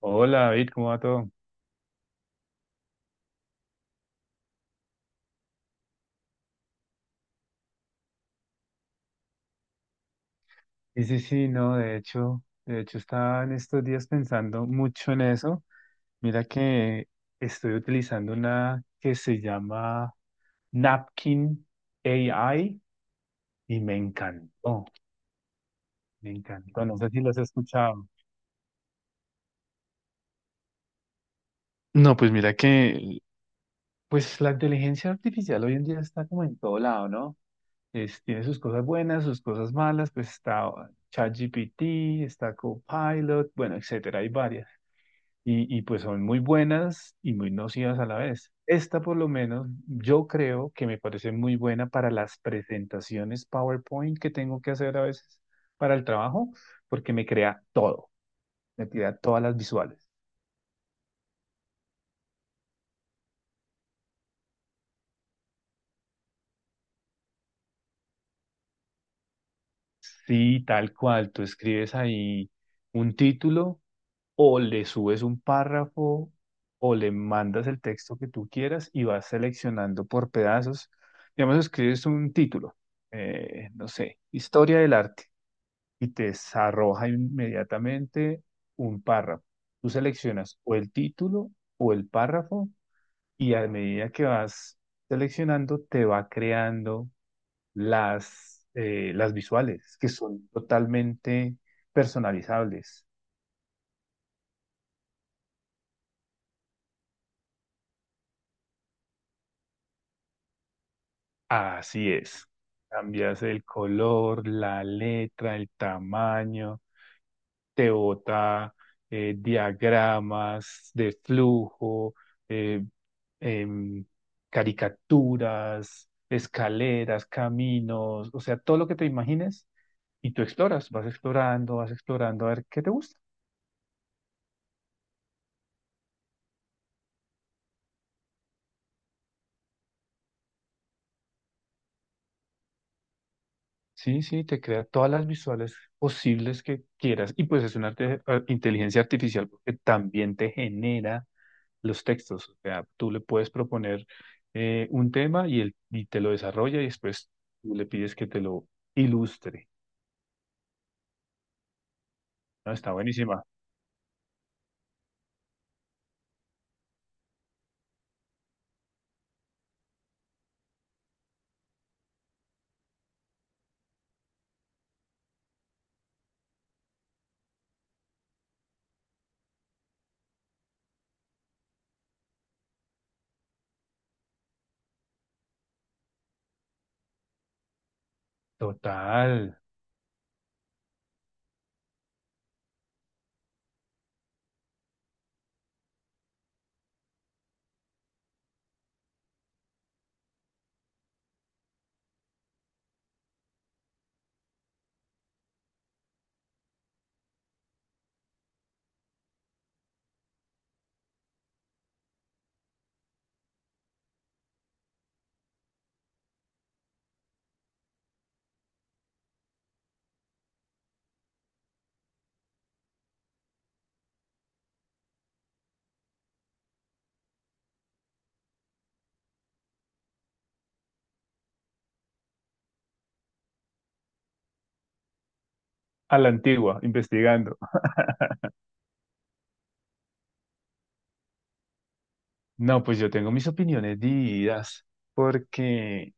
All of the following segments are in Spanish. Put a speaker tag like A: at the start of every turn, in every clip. A: Hola David, ¿cómo va todo? Sí, sí, sí, no, de hecho estaba en estos días pensando mucho en eso. Mira que estoy utilizando una que se llama Napkin AI y me encantó, me encantó. No sé si las has escuchado. No, pues mira que, pues la inteligencia artificial hoy en día está como en todo lado, ¿no? Tiene sus cosas buenas, sus cosas malas, pues está ChatGPT, está Copilot, bueno, etcétera, hay varias. Y pues son muy buenas y muy nocivas a la vez. Esta por lo menos yo creo que me parece muy buena para las presentaciones PowerPoint que tengo que hacer a veces para el trabajo, porque me crea todo, me crea todas las visuales. Sí, tal cual, tú escribes ahí un título o le subes un párrafo o le mandas el texto que tú quieras y vas seleccionando por pedazos. Digamos, escribes un título, no sé, historia del arte y te arroja inmediatamente un párrafo. Tú seleccionas o el título o el párrafo y a medida que vas seleccionando te va creando las visuales que son totalmente personalizables. Así es. Cambias el color, la letra, el tamaño, te bota diagramas de flujo, eh, em, caricaturas, escaleras, caminos, o sea, todo lo que te imagines y tú exploras, vas explorando a ver qué te gusta. Sí, sí, te crea todas las visuales posibles que quieras. Y pues es una inteligencia artificial porque también te genera los textos. O sea, tú le puedes proponer un tema y, él, y te lo desarrolla y después tú le pides que te lo ilustre. No, está buenísima. Total. A la antigua, investigando. No, pues yo tengo mis opiniones divididas porque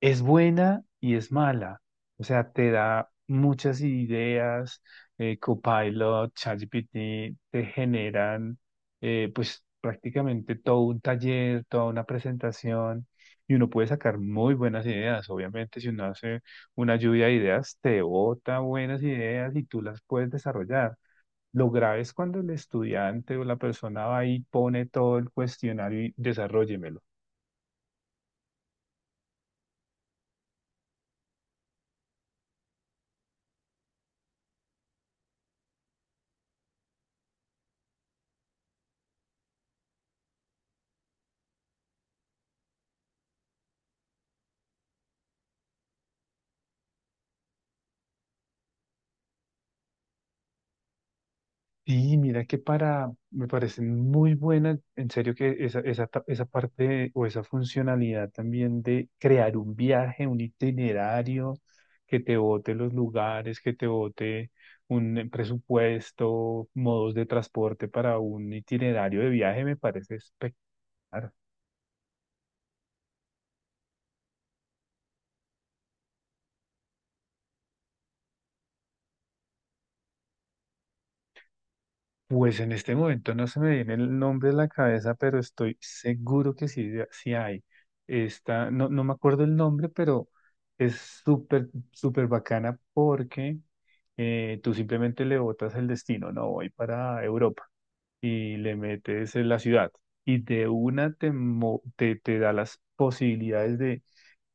A: es buena y es mala. O sea, te da muchas ideas, Copilot, ChatGPT, te generan pues prácticamente todo un taller, toda una presentación y uno puede sacar muy buenas ideas. Obviamente, si uno hace una lluvia de ideas, te bota buenas ideas y tú las puedes desarrollar. Lo grave es cuando el estudiante o la persona va y pone todo el cuestionario y desarrollémelo. Sí, mira que para, me parece muy buena, en serio que esa, esa parte o esa funcionalidad también de crear un viaje, un itinerario, que te bote los lugares, que te bote un presupuesto, modos de transporte para un itinerario de viaje, me parece espectacular. Pues en este momento no se me viene el nombre a la cabeza, pero estoy seguro que sí, sí hay. Esta, no, no me acuerdo el nombre, pero es súper, súper bacana porque tú simplemente le botas el destino, no voy para Europa, y le metes en la ciudad. Y de una te da las posibilidades de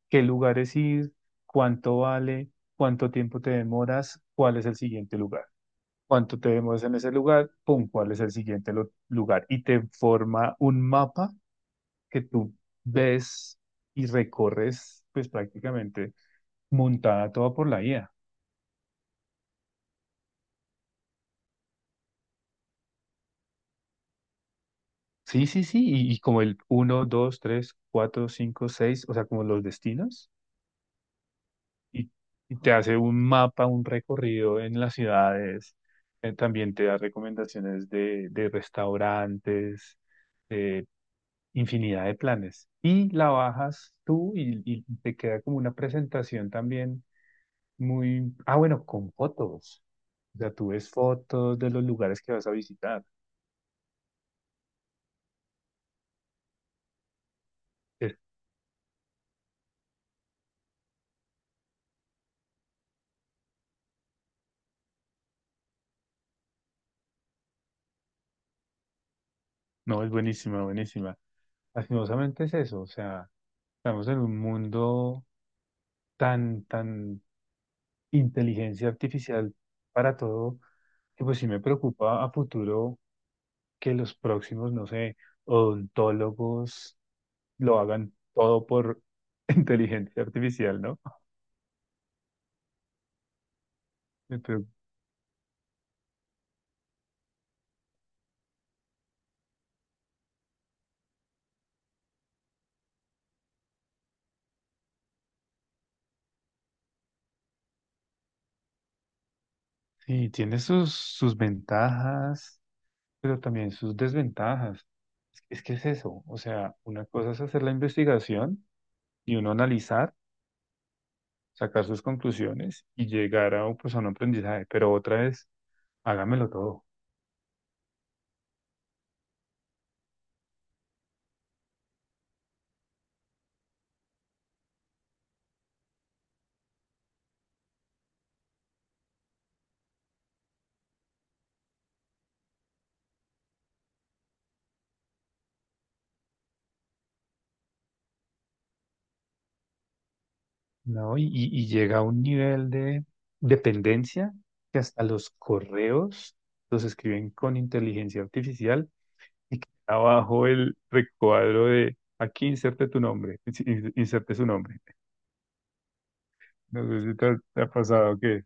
A: qué lugares ir, cuánto vale, cuánto tiempo te demoras, cuál es el siguiente lugar, cuánto te demoras en ese lugar, pum, cuál es el siguiente lugar. Y te forma un mapa que tú ves y recorres, pues prácticamente montada toda por la IA. Sí, sí, sí, y como el uno, 2, 3, 4, 5, 6, o sea, como los destinos, y, y te hace un mapa, un recorrido en las ciudades. También te da recomendaciones de restaurantes, eh, infinidad de planes. Y la bajas tú y te queda como una presentación también muy, ah, bueno, con fotos. O sea, tú ves fotos de los lugares que vas a visitar. Es- no, es buenísima, buenísima. Lastimosamente es eso, o sea, estamos en un mundo tan, tan inteligencia artificial para todo, que pues sí me preocupa a futuro que los próximos, no sé, odontólogos lo hagan todo por inteligencia artificial, ¿no? Pero sí, tiene sus, sus ventajas, pero también sus desventajas. Es que es eso, o sea, una cosa es hacer la investigación y uno analizar, sacar sus conclusiones y llegar a, pues, a un aprendizaje, pero otra es, hágamelo todo, ¿no? Y llega a un nivel de dependencia que hasta los correos los escriben con inteligencia artificial y que abajo el recuadro de aquí inserte tu nombre, inserte su nombre. No sé si te, te ha pasado que,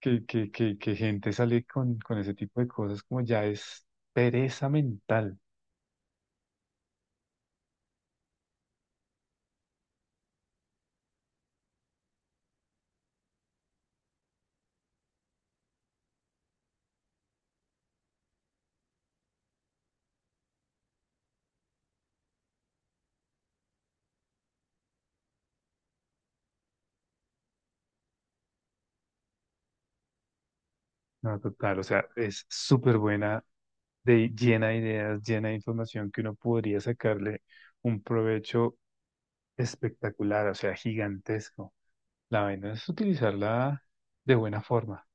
A: que gente sale con ese tipo de cosas como ya es pereza mental. No, total, o sea, es súper buena, de, llena de ideas, llena de información que uno podría sacarle un provecho espectacular, o sea, gigantesco. La vaina es utilizarla de buena forma.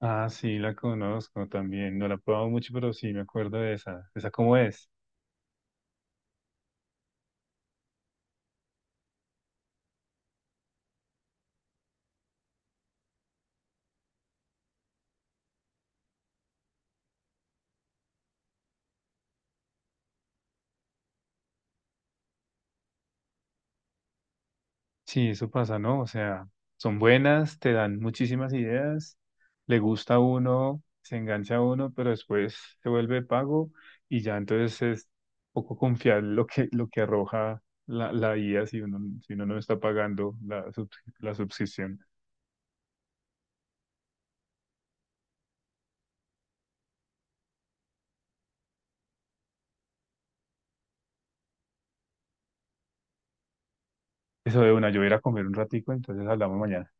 A: Ah, sí, la conozco también, no la he probado mucho, pero sí me acuerdo de esa. ¿Esa cómo es? Sí, eso pasa, ¿no? O sea, son buenas, te dan muchísimas ideas, le gusta a uno, se engancha a uno, pero después se vuelve pago y ya entonces es poco confiar lo que arroja la, la IA si uno, si uno no está pagando la, la suscripción. Eso de una, yo voy a ir a comer un ratico, entonces hablamos mañana.